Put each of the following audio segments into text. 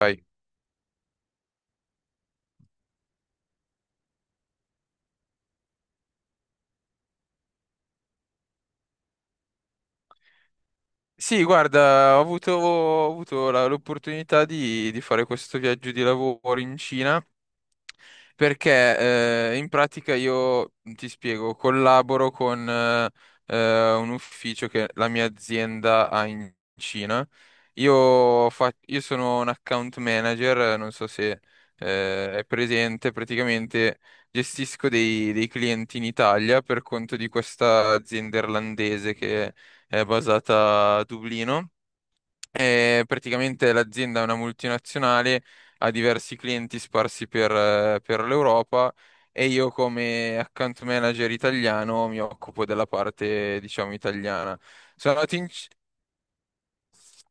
Vai. Sì, guarda, ho avuto l'opportunità di fare questo viaggio di lavoro in Cina. Perché in pratica io ti spiego, collaboro con un ufficio che la mia azienda ha in Cina. Io io sono un account manager, non so se è presente, praticamente gestisco dei clienti in Italia per conto di questa azienda irlandese che è basata a Dublino, e praticamente l'azienda è una multinazionale, ha diversi clienti sparsi per l'Europa, e io come account manager italiano mi occupo della parte, diciamo, italiana. Sono andato in,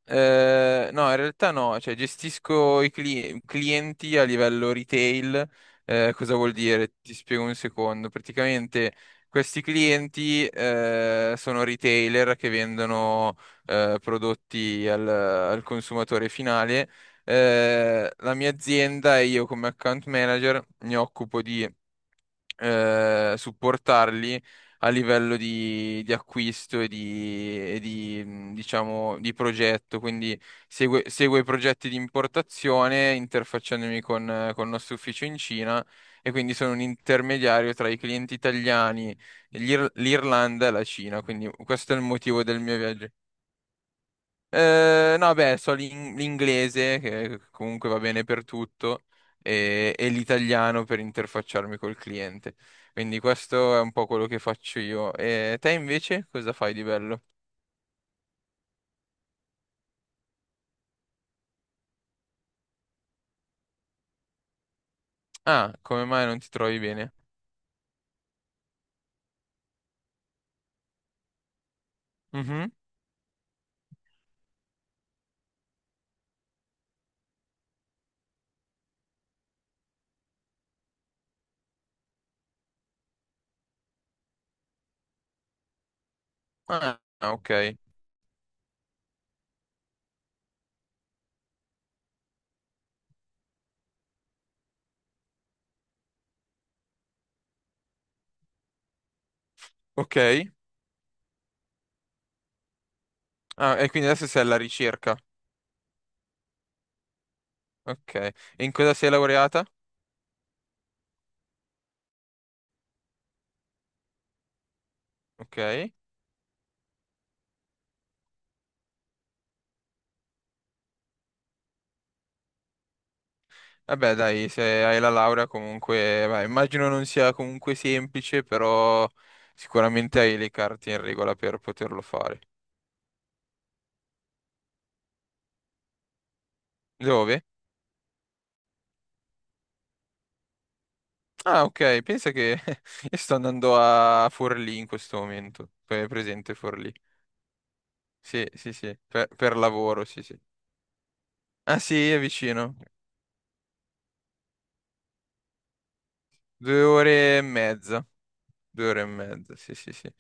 no, in realtà no, cioè gestisco i clienti a livello retail. Cosa vuol dire? Ti spiego un secondo. Praticamente questi clienti sono retailer che vendono prodotti al consumatore finale. La mia azienda e io come account manager mi occupo di supportarli a livello di acquisto e di diciamo, di progetto. Quindi segue i progetti di importazione, interfacciandomi con il nostro ufficio in Cina, e quindi sono un intermediario tra i clienti italiani, l'Irlanda e la Cina. Quindi questo è il motivo del mio viaggio. No, beh, so l'inglese, che comunque va bene per tutto, e l'italiano per interfacciarmi col cliente. Quindi questo è un po' quello che faccio io. E te invece cosa fai di bello? Ah, come mai non ti trovi bene? Mhm. Ah, ah, ok. Ok. Ah, e quindi adesso sei alla ricerca. Ok. E in cosa sei laureata? Ok. Vabbè, dai, se hai la laurea comunque, beh, immagino non sia comunque semplice, però sicuramente hai le carte in regola per poterlo fare. Dove? Ah, ok, pensa che io sto andando a Forlì in questo momento. È presente Forlì? Sì, sì, sì, per lavoro, sì, sì. Ah, sì, è vicino. Due ore e mezza. Due ore e mezza, sì, sì, sì.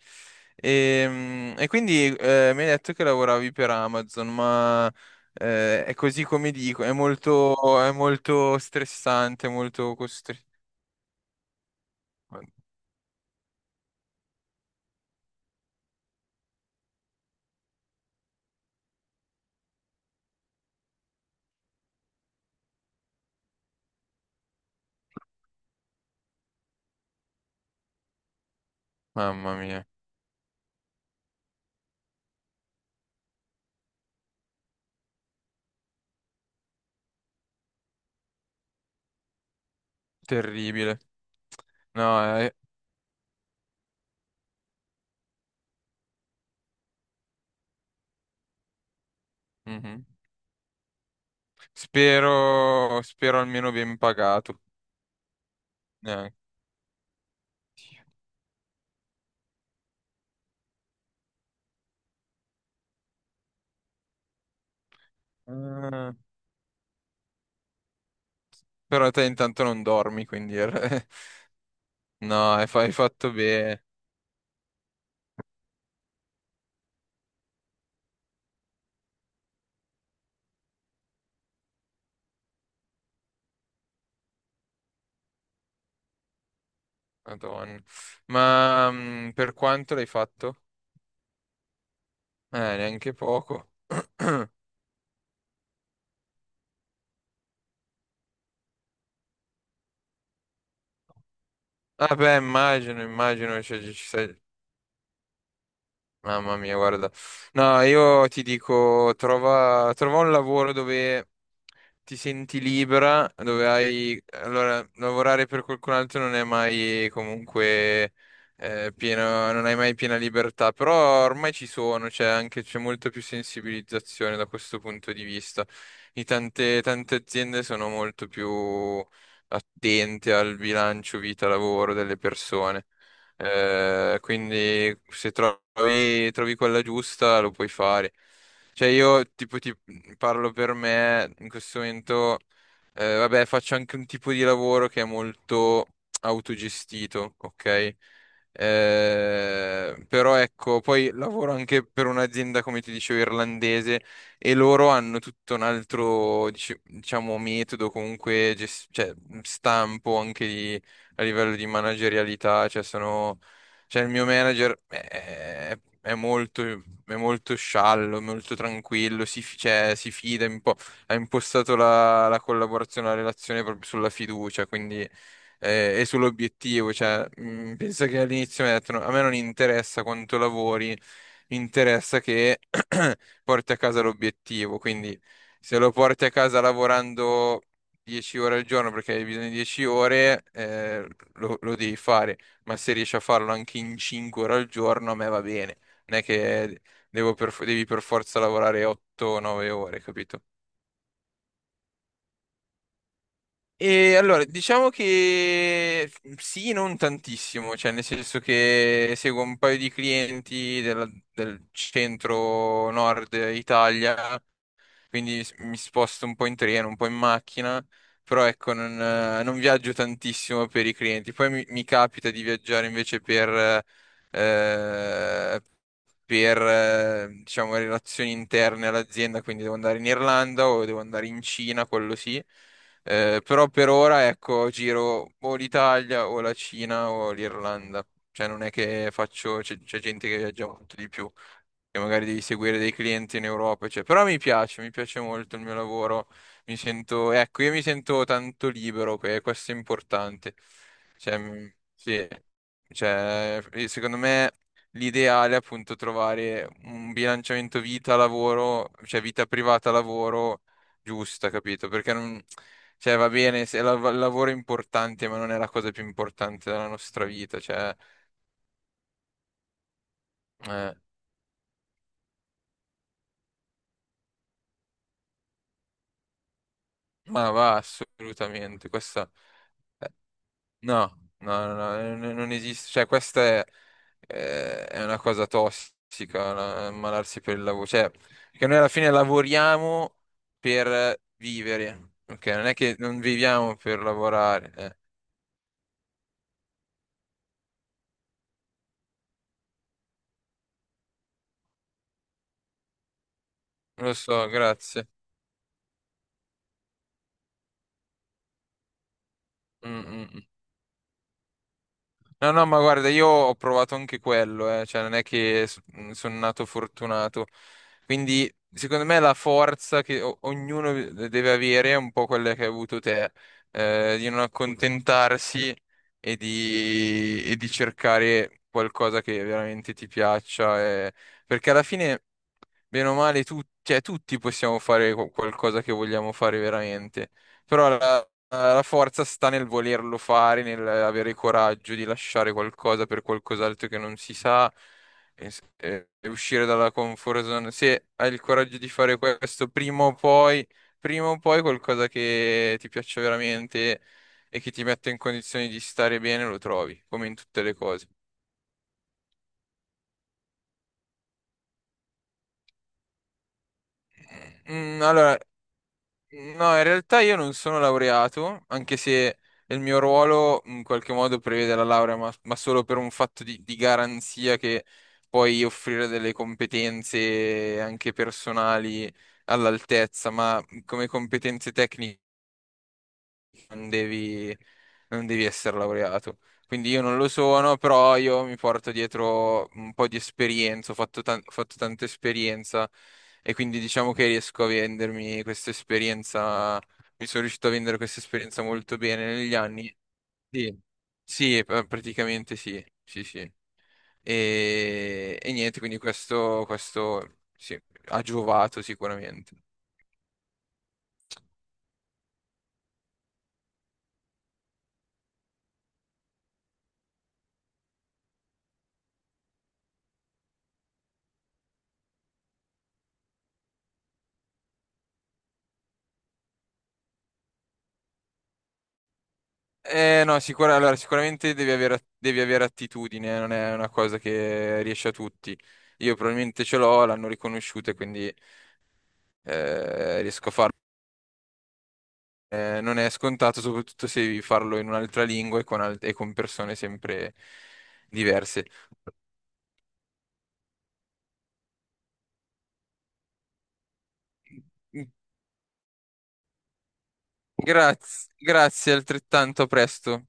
E quindi mi hai detto che lavoravi per Amazon, ma è così come dico, è molto, è molto stressante. Mamma mia, terribile. No, mhm. Spero, spero almeno ben pagato. Eh, eh, Però te intanto non dormi, quindi... No, hai fatto bene. Madonna. Ma per quanto l'hai fatto? Neanche poco. Vabbè, immagino, immagino, cioè, Mamma mia, guarda. No, io ti dico, trova, trova un lavoro dove ti senti libera, dove hai... Allora, lavorare per qualcun altro non è mai comunque pieno, non hai mai piena libertà, però ormai ci sono, c'è anche, c'è molta più sensibilizzazione da questo punto di vista. I tante, tante aziende sono molto più attente al bilancio vita-lavoro delle persone. Quindi se trovi, trovi quella giusta lo puoi fare. Cioè io tipo ti parlo per me in questo momento, vabbè, faccio anche un tipo di lavoro che è molto autogestito, ok? Però ecco, poi lavoro anche per un'azienda, come ti dicevo, irlandese, e loro hanno tutto un altro, diciamo, metodo, comunque, cioè, stampo anche di a livello di managerialità, cioè sono, cioè il mio manager è molto sciallo, molto tranquillo, si, cioè, si fida un po', ha impostato la collaborazione, la relazione proprio sulla fiducia, quindi e sull'obiettivo, cioè penso che all'inizio mi ha detto, "No, a me non interessa quanto lavori, mi interessa che porti a casa l'obiettivo, quindi se lo porti a casa lavorando 10 ore al giorno perché hai bisogno di 10 ore, lo devi fare, ma se riesci a farlo anche in 5 ore al giorno, a me va bene. Non è che devi per forza lavorare 8-9 ore, capito?" E allora, diciamo che sì, non tantissimo, cioè nel senso che seguo un paio di clienti del centro nord Italia, quindi mi sposto un po' in treno, un po' in macchina, però ecco, non, non viaggio tantissimo per i clienti. Poi mi capita di viaggiare invece per, eh, diciamo, relazioni interne all'azienda, quindi devo andare in Irlanda o devo andare in Cina, quello sì. Però per ora, ecco, giro o l'Italia o la Cina o l'Irlanda. Cioè non è che faccio, c'è gente che viaggia molto di più, che magari devi seguire dei clienti in Europa, cioè, però mi piace molto il mio lavoro, mi sento, ecco, io mi sento tanto libero, questo è importante, cioè, sì, cioè, secondo me l'ideale è appunto trovare un bilanciamento vita-lavoro, cioè vita privata-lavoro giusta, capito? Perché non, cioè, va bene, se il lavoro è importante, ma non è la cosa più importante della nostra vita, cioè, eh, ma va assolutamente, questa... No, no, no, no, non esiste, cioè questa è una cosa tossica, ammalarsi per il lavoro, cioè, perché noi alla fine lavoriamo per vivere, ok? Non è che non viviamo per lavorare, eh. Lo so, grazie. Mm, mm, mm. No, no, ma guarda, io ho provato anche quello, eh. Cioè, non è che sono nato fortunato. Quindi, secondo me, la forza che ognuno deve avere è un po' quella che hai avuto te, di non accontentarsi e di cercare qualcosa che veramente ti piaccia. Perché alla fine, bene o male, cioè, tutti possiamo fare qualcosa che vogliamo fare veramente. Però la forza sta nel volerlo fare, nel avere il coraggio di lasciare qualcosa per qualcos'altro che non si sa, e uscire dalla comfort zone. Se hai il coraggio di fare questo, prima o poi qualcosa che ti piaccia veramente e che ti mette in condizioni di stare bene lo trovi, come in tutte le cose. Allora, no, in realtà io non sono laureato, anche se il mio ruolo in qualche modo prevede la laurea, ma solo per un fatto di garanzia che puoi offrire delle competenze anche personali all'altezza, ma come competenze tecniche non devi, non devi essere laureato. Quindi io non lo sono, però io mi porto dietro un po' di esperienza, ho fatto tanta esperienza, e quindi diciamo che riesco a vendermi questa esperienza, mi sono riuscito a vendere questa esperienza molto bene negli anni. Sì, sì, praticamente sì, sì, sì. E niente, quindi questo sì, ha giovato sicuramente. No, allora, devi avere attitudine, non è una cosa che riesce a tutti. Io probabilmente ce l'ho, l'hanno riconosciuta, e quindi riesco a farlo. Non è scontato, soprattutto se devi farlo in un'altra lingua e con, e con persone sempre diverse. Grazie, grazie altrettanto, a presto.